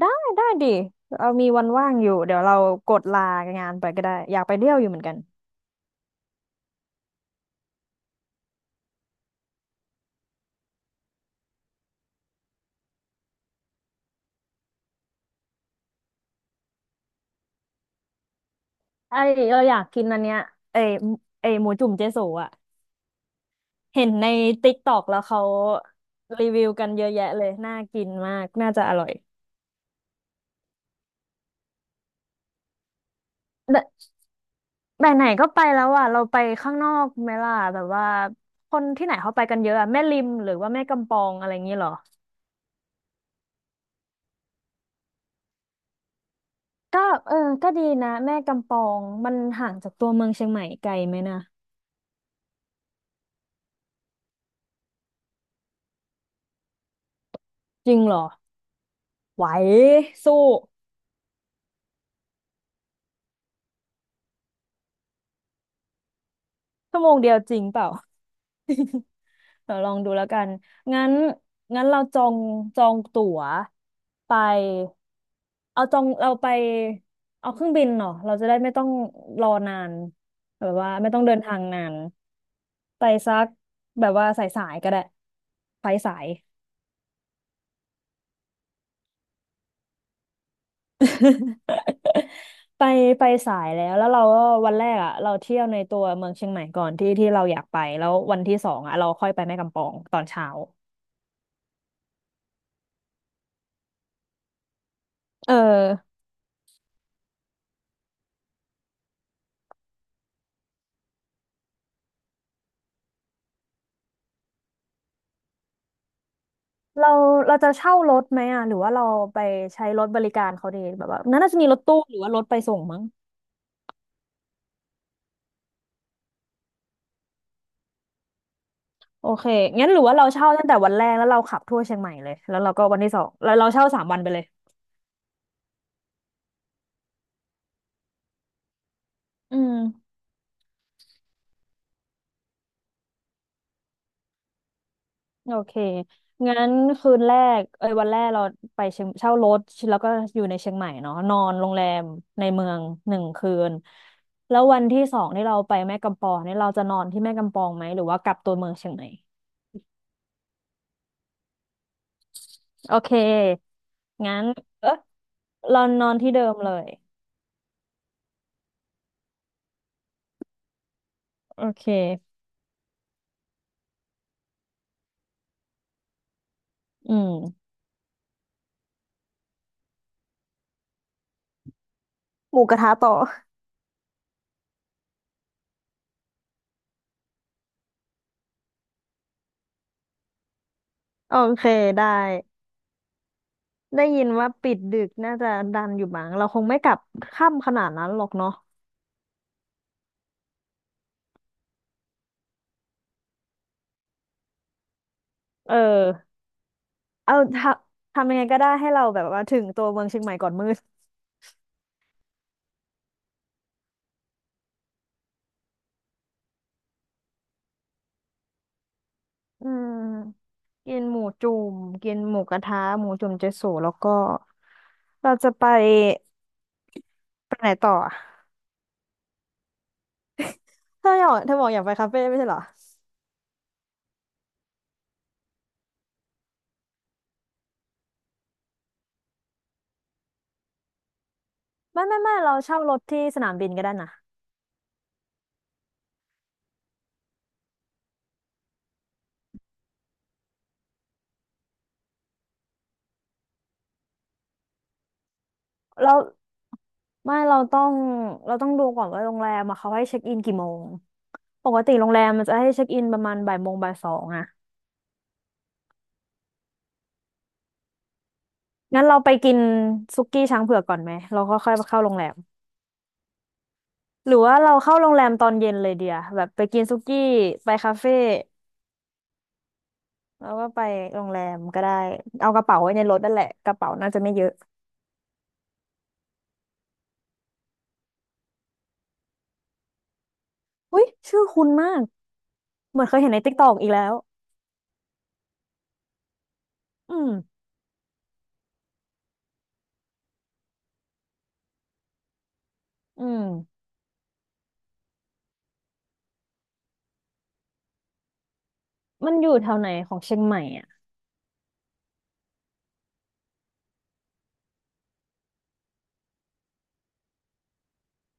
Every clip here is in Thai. ได้ได้ดิเรามีวันว่างอยู่เดี๋ยวเรากดลางานไปก็ได้อยากไปเที่ยวอยู่เหมือนกันไอเราอยากกินอันเนี้ยไอไอยหมูจุ่มเจ๊โสอ่ะเห็นในติ๊กตอกแล้วเขารีวิวกันเยอะแยะเลยน่ากินมากน่าจะอร่อยแต่ไหนไหนก็ไปแล้วอ่ะเราไปข้างนอกไหมล่ะแบบว่าคนที่ไหนเขาไปกันเยอะอะแม่ริมหรือว่าแม่กำปองอะไรอย่างงี้เหรอก็เออก็ดีนะแม่กำปองมันห่างจากตัวเมืองเชียงใหม่ไกลไหมนะจริงเหรอไหวสู้ ชั่วโมงเดียวจริงเปล่าเดี๋ยวลองดูแล้วกันงั้นงั้นเราจองจองตั๋วไปเอาจองเราไปเอาเครื่องบินเนาะเราจะได้ไม่ต้องรอนานแบบว่าไม่ต้องเดินทางนานไปสักแบบว่าสายสายก็ได้ไปสาย ไปไปสายแล้วแล้วเราก็วันแรกอ่ะเราเที่ยวในตัวเมืองเชียงใหม่ก่อนที่ที่เราอยากไปแล้ววันที่สองอ่ะเราค่อยไปแม่กำปองตอนเช้าเออ เราเราจะเช่ารถไหมอ่ะหรือว่าเราไปใช้รถบริการเขาดีแบบว่าน่าจะมีรถตู้หรือว่ารถไปส่งมั้งโอเคงั้นหรือว่าเราเช่าตั้งแต่วันแรกแล้วเราขับทั่วเชียงใหม่เลยแล้วเราก็วันที่สองแล้วเราเช่าสามวันไปเลยอืมโอเคงั้นคืนแรกเอ้ยวันแรกเราไปเชียงเช่ารถแล้วก็อยู่ในเชียงใหม่เนาะนอนโรงแรมในเมืองหนึ่งคืนแล้ววันที่สองที่เราไปแม่กำปองนี่เราจะนอนที่แม่กำปองไหมหรือว่ากลับตัวเมืองเชียงใหม่ โอเคงั้นเออเรานอนที่เดิมเลยโอเคอืมหมูกระทะต่อโอเคได้ได้ยินว่าปิดดึกน่าจะดันอยู่มั้งเราคงไม่กลับค่ำขนาดนั้นหรอกเนาะเออเอาทำทำยังไงก็ได้ให้เราแบบว่าถึงตัวเมืองเชียงใหม่ก่อนมืดอืมกินหมูจุ่มกินหมูกระทะหมูจุ่มเจโสแล้วก็เราจะไปไปไหนต่ออะเธออยากเธอบอกอยากไปคาเฟ่ไม่ใช่เหรอ ไม่ไม่ไม่เราเช่ารถที่สนามบินก็ได้นะเราไม่เราต้องดูก่อนว่าโรงแรมอะเขาให้เช็คอินกี่โมงปกติโรงแรมมันจะให้เช็คอินประมาณบ่ายโมงบ่ายสองอะงั้นเราไปกินสุกี้ช้างเผือกก่อนไหมเราก็ค่อยเข้าโรงแรมหรือว่าเราเข้าโรงแรมตอนเย็นเลยเดียแบบไปกินสุกี้ไปคาเฟ่แล้วก็ไปโรงแรมก็ได้เอากระเป๋าไว้ในรถนั่นแหละกระเป๋าน่าจะไม่เยอะอุ้ยชื่อคุ้นมากเหมือนเคยเห็นในติ๊กตอกอีกแล้วอืมอืมมันอยู่แถวไหนของเชียงใหม่อ่ะ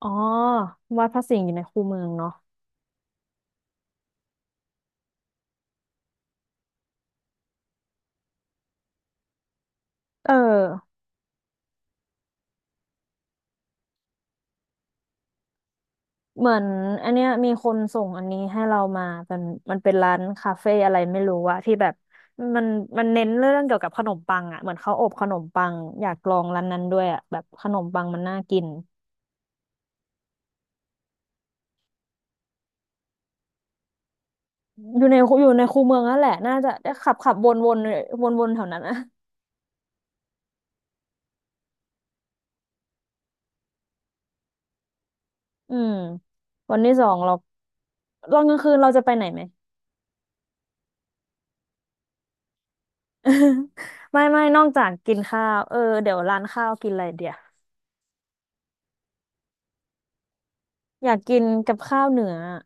อ๋อวัดพระสิงห์อยู่ในคูเมืองเนาะเออเหมือนอันเนี้ยมีคนส่งอันนี้ให้เรามาเป็นมันเป็นร้านคาเฟ่อะไรไม่รู้อะที่แบบมันมันเน้นเรื่องเกี่ยวกับขนมปังอะเหมือนเขาอบขนมปังอยากลองร้านนั้นด้วยอะแบบขนมปังมันน่ากินอยู่ในอยู่ในคูเมืองนั่นแหละน่าจะได้ขับวนวนวนวนๆแถวนั้นนะอืมวันที่สองเราตอนกลางคืนเราจะไปไหนไหม ไม่ไม่นอกจากกินข้าวเออเดี๋ยวร้านข้าวกินอะไรเดี๋ยว อยากกินกับข้าวเหนืออะ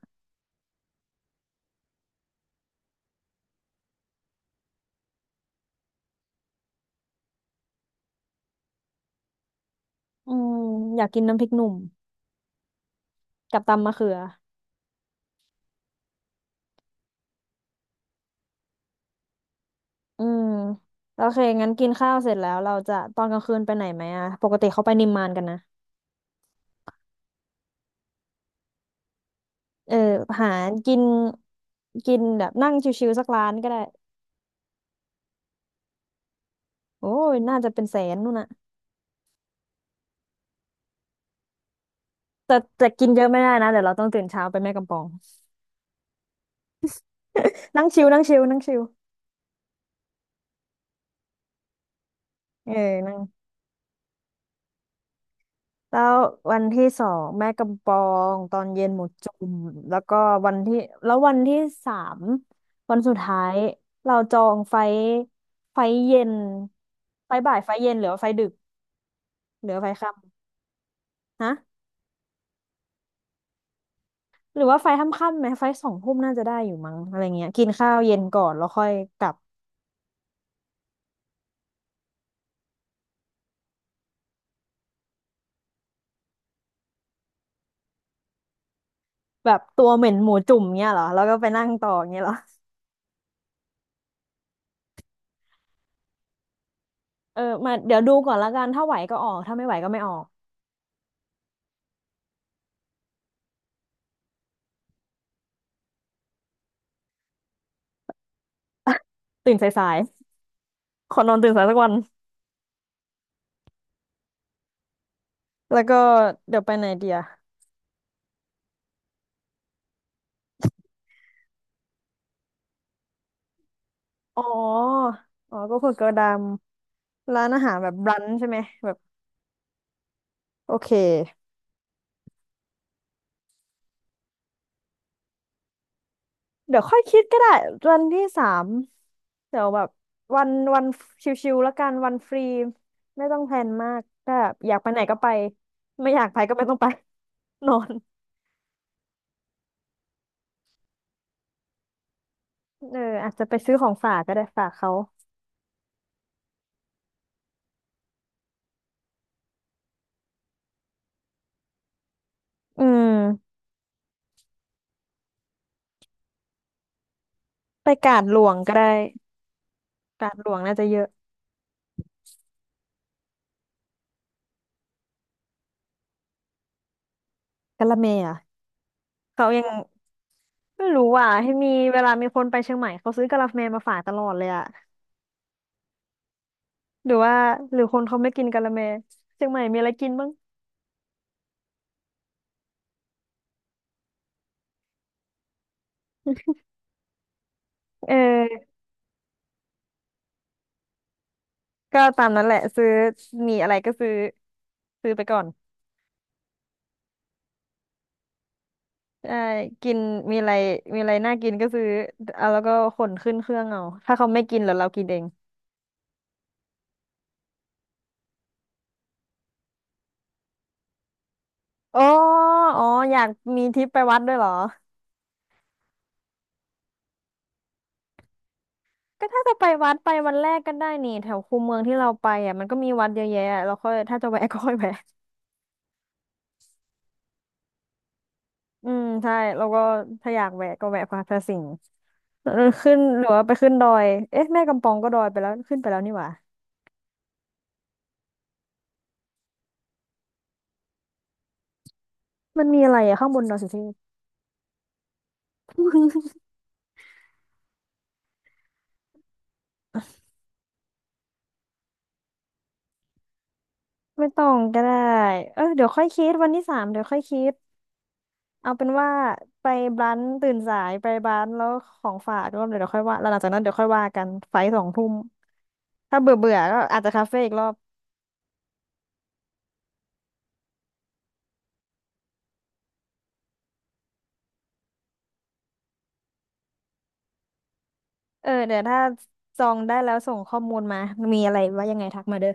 อืมอยากกินน้ำพริกหนุ่มกับตำมะเขืออืมโอเคงั้นกินข้าวเสร็จแล้วเราจะตอนกลางคืนไปไหนไหมอะปกติเขาไปนิมมานกันนะเออหากินกินแบบนั่งชิวๆสักร้านก็ได้โอ้ยน่าจะเป็นแสนนู่นน่ะแต่กินเยอะไม่ได้นะเดี๋ยวเราต้องตื่นเช้าไปแม่กำปองนั่งชิวนั่งชิวนั่งชิวเออนั่ง แล้ววันที่สองแม่กำปองตอนเย็นหมูจุ่มแล้วก็วันที่แล้ววันที่สามวันสุดท้ายเราจองไฟเย็นไฟบ่ายไฟเย็นหรือว่าไฟดึกหรือว่าไฟทค่ำฮะหรือว่าไฟทค่ำๆไหมไฟสองทุ่มน่าจะได้อยู่มั้งอะไรเงี้ยกินข้าวเย็นก่อนแล้วค่อยกลับแบบตัวเหม็นหมูจุ่มเงี้ยเหรอแล้วก็ไปนั่งต่อเงี้ยเหรอเออมาเดี๋ยวดูก่อนละกันถ้าไหวก็ออกถ้าไม่ไหวก็ไม่ออก ตื่นสายๆขอนอนตื่นสายสักวัน แล้วก็เดี๋ยวไปไหนเดียอ๋ออ๋อก็คือกระดามร้านอาหารแบบรันช์ใช่ไหมแบบโอเคเดี๋ยวค่อยคิดก็ได้วันที่สามเดี๋ยวแบบวันวันชิวๆแล้วกันวันฟรีไม่ต้องแพลนมากถ้าแบบอยากไปไหนก็ไปไม่อยากไปก็ไม่ต้องไป นอนเอออาจจะไปซื้อของฝากก็ได้ฝากเขาอืมไปกาดหลวงก็ได้กาดหลวงน่าจะเยอะกะละแมอ่ะเขายัง ไม่รู้อ่ะให้มีเวลามีคนไปเชียงใหม่เขาซื้อกะละแมมาฝากตลอดเลยอ่ะหรือว่าหรือคนเขาไม่กินกะละแมเชียงใหม่มีอะไรกินบ้างเออก็ตามนั้นแหละซื้อมีอะไรก็ซื้อซื้อไปก่อนใช่กินมีอะไรมีอะไรน่ากินก็ซื้อเอาแล้วก็ขนขึ้นเครื่องเอาถ้าเขาไม่กินแล้วเรากินเองอ๋ออ๋ออยากมีทริปไปวัดด้วยเหรอก็ถ้าจะไปวัดไปวันแรกก็ได้นี่แถวคูเมืองที่เราไปอ่ะมันก็มีวัดเยอะแยะเราค่อยถ้าจะแวะ ก็ค่อยแวะ อืมใช่แล้วก็ถ้าอยากแวะก็แวะพาพระสิงห์เออขึ้นหรือว่าไปขึ้นดอยเอ๊ะแม่กำปองก็ดอยไปแล้วขึ้นไปแล้วนี่หว่ามันมีอะไรอะข้างบนดอยสุเทพ ไม่ต้องก็ได้เออเดี๋ยวค่อยคิดวันที่สามเดี๋ยวค่อยคิดเอาเป็นว่าไปบ้านตื่นสายไปบ้านแล้วของฝากด้ยเดี๋ยวค่อยว่าแล้วหลังจากนั้นเดี๋ยวค่อยว่ากันไฟสองทุ่มถ้าเบื่อเบื่อก็อาจจะคาเฟ่อีกรอบเออเดี๋ยวถ้าจองได้แล้วส่งข้อมูลมามีอะไรว่ายังไงทักมาเด้อ